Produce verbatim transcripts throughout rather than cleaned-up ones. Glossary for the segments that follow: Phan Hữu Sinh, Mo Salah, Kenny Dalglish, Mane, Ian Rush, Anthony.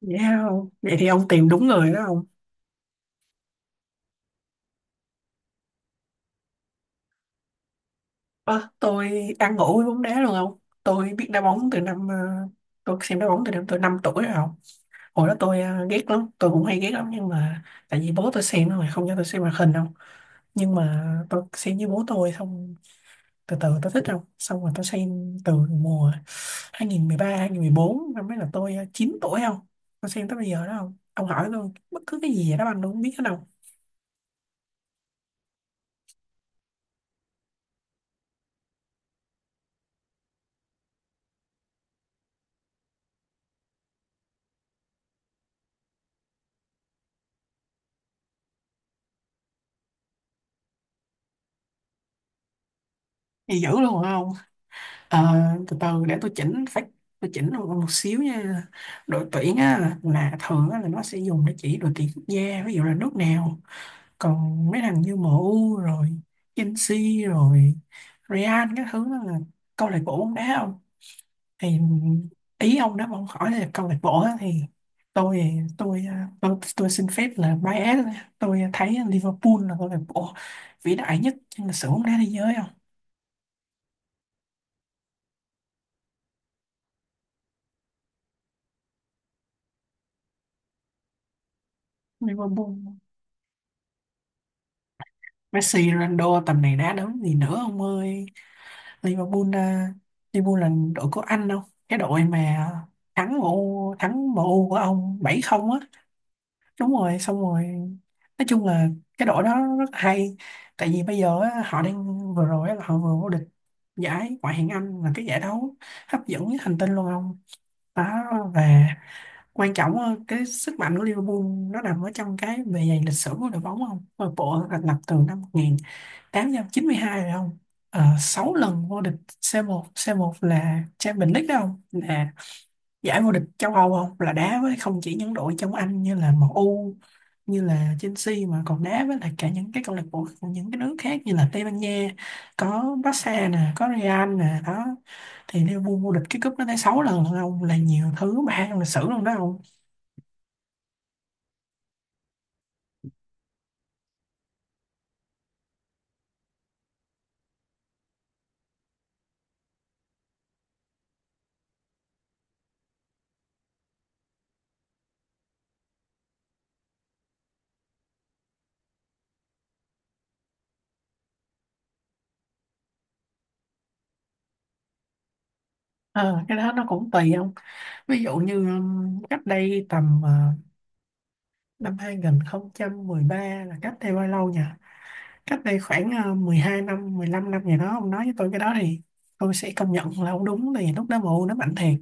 Vậy hả ông? Vậy thì ông tìm đúng người đó không? Ơ, tôi ăn ngủ với bóng đá luôn không? Tôi biết đá bóng từ năm, ờ, tôi xem đá bóng từ năm tôi năm tuổi rồi không? Hồi đó tôi ờ, ghét lắm, tôi cũng hay ghét lắm nhưng mà. Tại vì bố tôi xem rồi, không cho tôi xem màn hình đâu. Nhưng mà tôi xem với bố tôi xong, từ từ tôi thích không? Xong rồi tôi xem từ mùa hai không một ba, hai không một bốn năm ấy là tôi ờ, chín tuổi không? Tôi xem tới bây giờ đó không? Ông hỏi tôi bất cứ cái gì vậy đó anh cũng biết hết không? Gì dữ luôn hả ông? Ờ, từ từ để tôi chỉnh phát, tôi chỉnh một, một xíu nha. Đội tuyển á, là thường á, là nó sẽ dùng để chỉ đội tuyển quốc gia, ví dụ là nước nào. Còn mấy thằng như em u rồi Chelsea rồi Real các thứ đó là câu lạc bộ bóng đá không. Thì ý ông đó mà ông hỏi là câu lạc bộ á, thì tôi tôi ờ, tôi tôi xin phép là bias, tôi thấy Liverpool là câu lạc bộ vĩ đại nhất trong lịch sử bóng đá thế giới không. Liverpool. Messi, Ronaldo tầm này đá đấm gì nữa ông ơi. Liverpool, à, Liverpool là đội của anh đâu. Cái đội mà thắng em u, thắng em U của ông bảy không á. Đúng rồi, xong rồi. Nói chung là cái đội đó rất hay. Tại vì bây giờ á, họ đang vừa rồi á, là họ vừa vô địch giải Ngoại hạng Anh là cái giải đấu hấp dẫn nhất hành tinh luôn ông. Đó, và quan trọng á, cái sức mạnh của Liverpool nó nằm ở trong cái bề dày lịch sử của đội bóng không? Đội bộ thành lập từ năm tám trăm chín mươi hai rồi không, à, sáu lần vô địch c một, c một là Champions League đó không, là giải vô địch châu Âu không, là đá với không chỉ những đội trong Anh như là em u như là Chelsea mà còn đá với lại cả những cái câu lạc bộ của những cái nước khác như là Tây Ban Nha, có Barca nè có Real nè đó. Thì Liverpool vô địch cái cúp nó tới sáu lần luôn không, là nhiều thứ mà trong lịch sử luôn đó không. Ờ, cái đó nó cũng tùy không. Ví dụ như um, cách đây tầm ờ, Năm hai không một ba là cách đây bao lâu nhỉ? Cách đây khoảng ờ, mười hai năm, mười lăm năm gì đó. Ông nói với tôi cái đó thì tôi sẽ công nhận là ông đúng. Tại vì lúc đó mụ nó mạnh thiệt.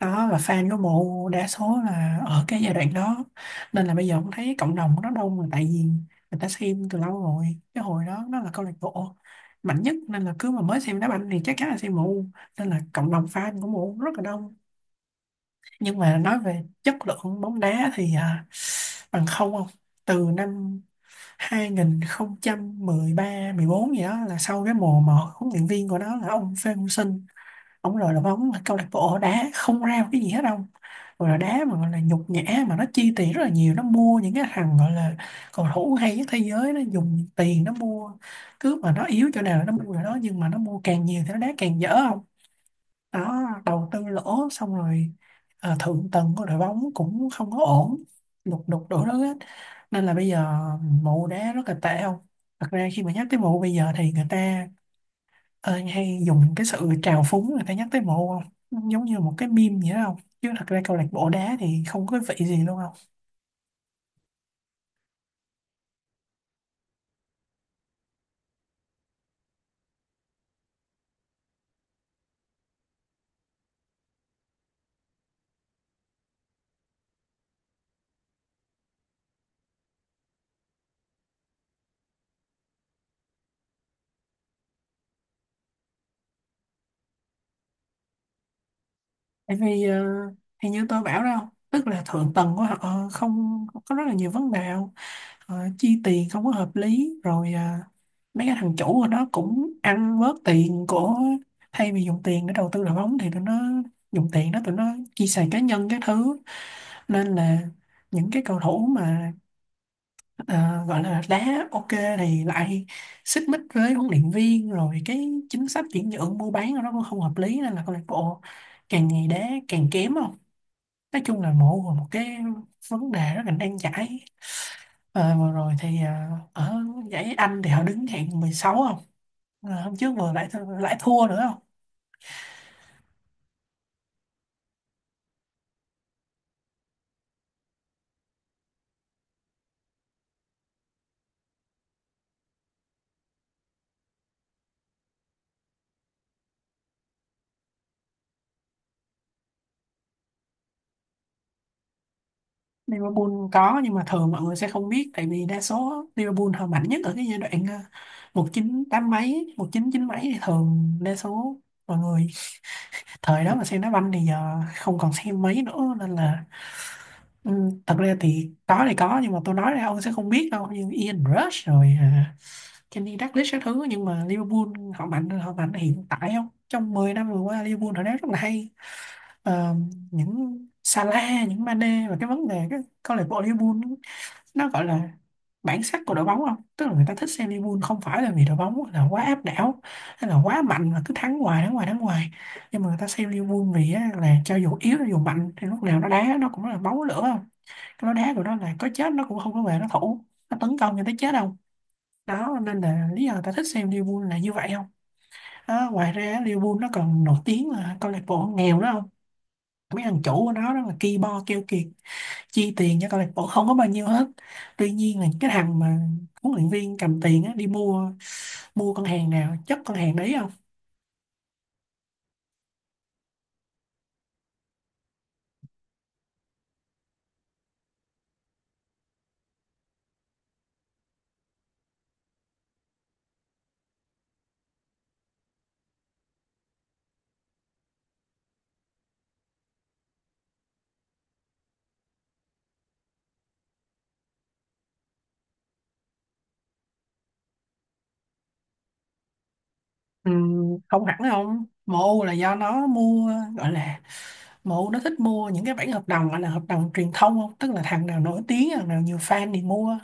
Đó, và fan của mụ đa số là ở cái giai đoạn đó. Nên là bây giờ ông thấy cộng đồng nó đông là tại vì người ta xem từ lâu rồi. Cái hồi đó nó là câu lạc bộ mạnh nhất. Nên là cứ mà mới xem đá banh thì chắc chắn là xem mụ. Nên là cộng đồng fan của mụ rất là đông. Nhưng mà nói về chất lượng bóng đá thì à, bằng không không? Từ năm hai không một ba không một bốn gì đó là sau cái mùa mà huấn luyện viên của nó là ông Phan Hữu Sinh, ông lười đội bóng mà câu lạc bộ đá không ra một cái gì hết đâu, rồi là đá mà gọi là nhục nhã, mà nó chi tiền rất là nhiều, nó mua những cái thằng gọi là cầu thủ hay nhất thế giới, nó dùng tiền nó mua, cứ mà nó yếu chỗ nào là nó mua chỗ đó nhưng mà nó mua càng nhiều thì nó đá càng dở. Đó, đầu tư lỗ xong rồi ờ, thượng tầng của đội bóng cũng không có ổn, lục đục đổ đó hết, nên là bây giờ mụ đá rất là tệ không. Thật ra khi mà nhắc tới mụ bây giờ thì người ta ờ, hay dùng cái sự trào phúng, người ta nhắc tới mụ không. Nó giống như một cái meme vậy đó không, chứ thật ra câu lạc bộ đá thì không có vị gì luôn không. Tại vì ờ, thì như tôi bảo đó không, tức là thượng tầng của họ ờ, không có, rất là nhiều vấn đề. Ờ, chi tiền không có hợp lý rồi, à, mấy cái thằng chủ của nó cũng ăn bớt tiền của, thay vì dùng tiền để đầu tư đội bóng thì tụi nó dùng tiền đó tụi nó chi xài cá nhân các thứ. Nên là những cái cầu thủ mà ờ, gọi là đá ok thì lại xích mích với huấn luyện viên, rồi cái chính sách chuyển nhượng mua bán của nó cũng không hợp lý, nên là câu lạc bộ càng ngày đá càng kém không. Nói chung là mộ một cái vấn đề rất là nan giải. Ờ, vừa rồi thì à, ở giải Anh thì họ đứng hạng mười sáu không? Ờ, hôm trước vừa lại th- lại thua nữa không? Liverpool có, nhưng mà thường mọi người sẽ không biết tại vì đa số Liverpool họ mạnh nhất ở cái giai đoạn ờ, một chín tám mấy, một chín chín mấy, thì thường đa số mọi người thời đó mà xem đá banh thì giờ không còn xem mấy nữa, nên là ừ, thật ra thì có thì có, nhưng mà tôi nói ra ông sẽ không biết đâu, như Ian Rush rồi ờ, Kenny Dalglish các thứ. Nhưng mà Liverpool họ mạnh họ mạnh hiện tại không, trong mười năm vừa qua Liverpool họ đá rất là hay. Ờ, những Salah, những Mane, và cái vấn đề cái câu lạc bộ Liverpool nó gọi là bản sắc của đội bóng không, tức là người ta thích xem Liverpool không phải là vì đội bóng là quá áp đảo hay là quá mạnh mà cứ thắng hoài thắng hoài thắng hoài, nhưng mà người ta xem Liverpool vì á, là cho dù yếu cho dù mạnh thì lúc nào nó đá nó cũng là máu lửa không. Cái nó đá của nó là có chết nó cũng không có về nó thủ, nó tấn công cho tới chết đâu. Đó, nên là lý do ta thích xem Liverpool là như vậy không. Đó, ngoài ra Liverpool nó còn nổi tiếng là câu lạc bộ nghèo đó không, mấy thằng chủ của nó đó là ki bo keo kiệt, chi tiền cho câu lạc bộ không có bao nhiêu hết. Tuy nhiên là cái thằng mà huấn luyện viên cầm tiền á đi mua mua con hàng nào chất con hàng đấy không. Ừm, không hẳn không, em u là do nó mua, gọi là, em u nó thích mua những cái bản hợp đồng gọi là hợp đồng truyền thông không, tức là thằng nào nổi tiếng thằng nào nhiều fan thì mua.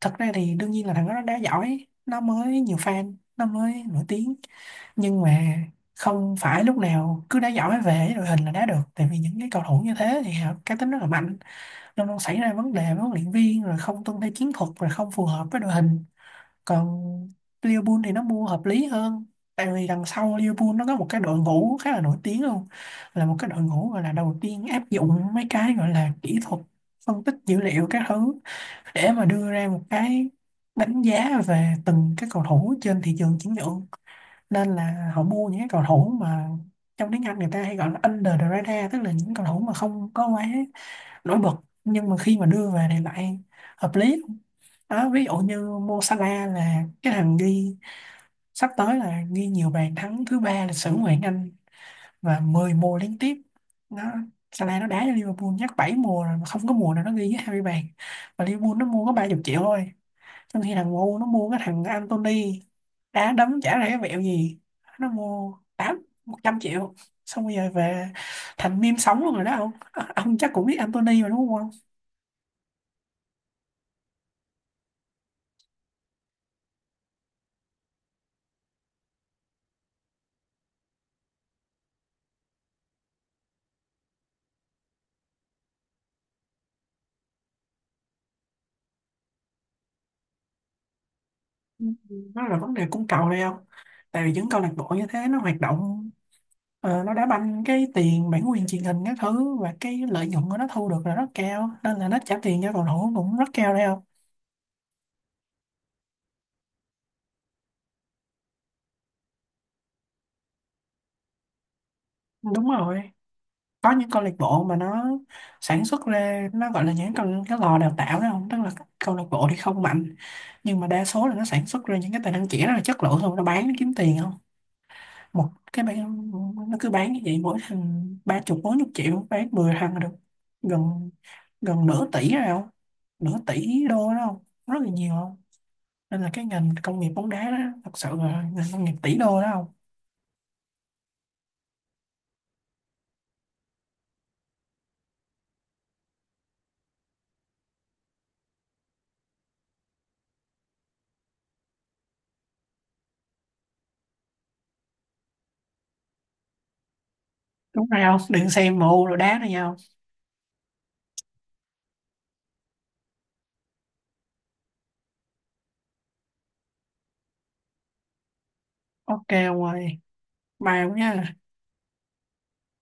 Thật ra thì đương nhiên là thằng đó nó đá giỏi nó mới nhiều fan nó mới nổi tiếng, nhưng mà không phải lúc nào cứ đá giỏi về đội hình là đá được, tại vì những cái cầu thủ như thế thì họ cá tính rất là mạnh, luôn luôn xảy ra vấn đề với huấn luyện viên, rồi không tuân theo chiến thuật, rồi không phù hợp với đội hình. Còn Liverpool thì nó mua hợp lý hơn, tại vì đằng sau Liverpool nó có một cái đội ngũ khá là nổi tiếng luôn, là một cái đội ngũ gọi là đầu tiên áp dụng mấy cái gọi là kỹ thuật phân tích dữ liệu các thứ, để mà đưa ra một cái đánh giá về từng cái cầu thủ trên thị trường chuyển nhượng. Nên là họ mua những cái cầu thủ mà trong tiếng Anh người ta hay gọi là under the radar, tức là những cầu thủ mà không có quá nổi bật nhưng mà khi mà đưa về thì lại hợp lý. Đó, ví dụ như Mo Salah là cái thằng ghi, sắp tới là ghi nhiều bàn thắng thứ ba lịch sử ngoại hạng Anh, và mười mùa liên tiếp nó, Salah nó đá cho Liverpool nhắc bảy mùa rồi mà không có mùa nào nó ghi dưới hai mươi bàn. Và Liverpool nó mua có ba chục triệu thôi, trong khi thằng ngu nó mua cái thằng Anthony đá đấm chả ra cái vẹo gì, nó mua tám một trăm triệu, xong bây giờ về thành meme sống luôn rồi đó ông. Ờ, ông chắc cũng biết Anthony mà đúng không. Nó là vấn đề cung cầu đây không, tại vì những câu lạc bộ như thế nó hoạt động, ờ, nó đá banh cái tiền bản quyền truyền hình các thứ và cái lợi nhuận của nó thu được là rất cao nên là nó trả tiền cho cầu thủ cũng rất cao đây không. Đúng rồi, có những câu lạc bộ mà nó sản xuất ra, nó gọi là những câu cái lò đào tạo đó không, tức là các câu lạc bộ thì không mạnh nhưng mà đa số là nó sản xuất ra những cái tài năng trẻ rất là chất lượng xong nó bán nó kiếm tiền không. Một cái bán nó cứ bán như vậy, mỗi thằng ba chục bốn chục triệu, bán mười thằng là được gần gần nửa tỷ rồi không, nửa tỷ đô đó không, rất là nhiều không. Nên là cái ngành công nghiệp bóng đá đó thật sự là ngành công nghiệp tỷ đô đó không. Đúng rồi không, đừng xem mù rồi đá nữa nhau. Ok ông ơi, mai ông nha.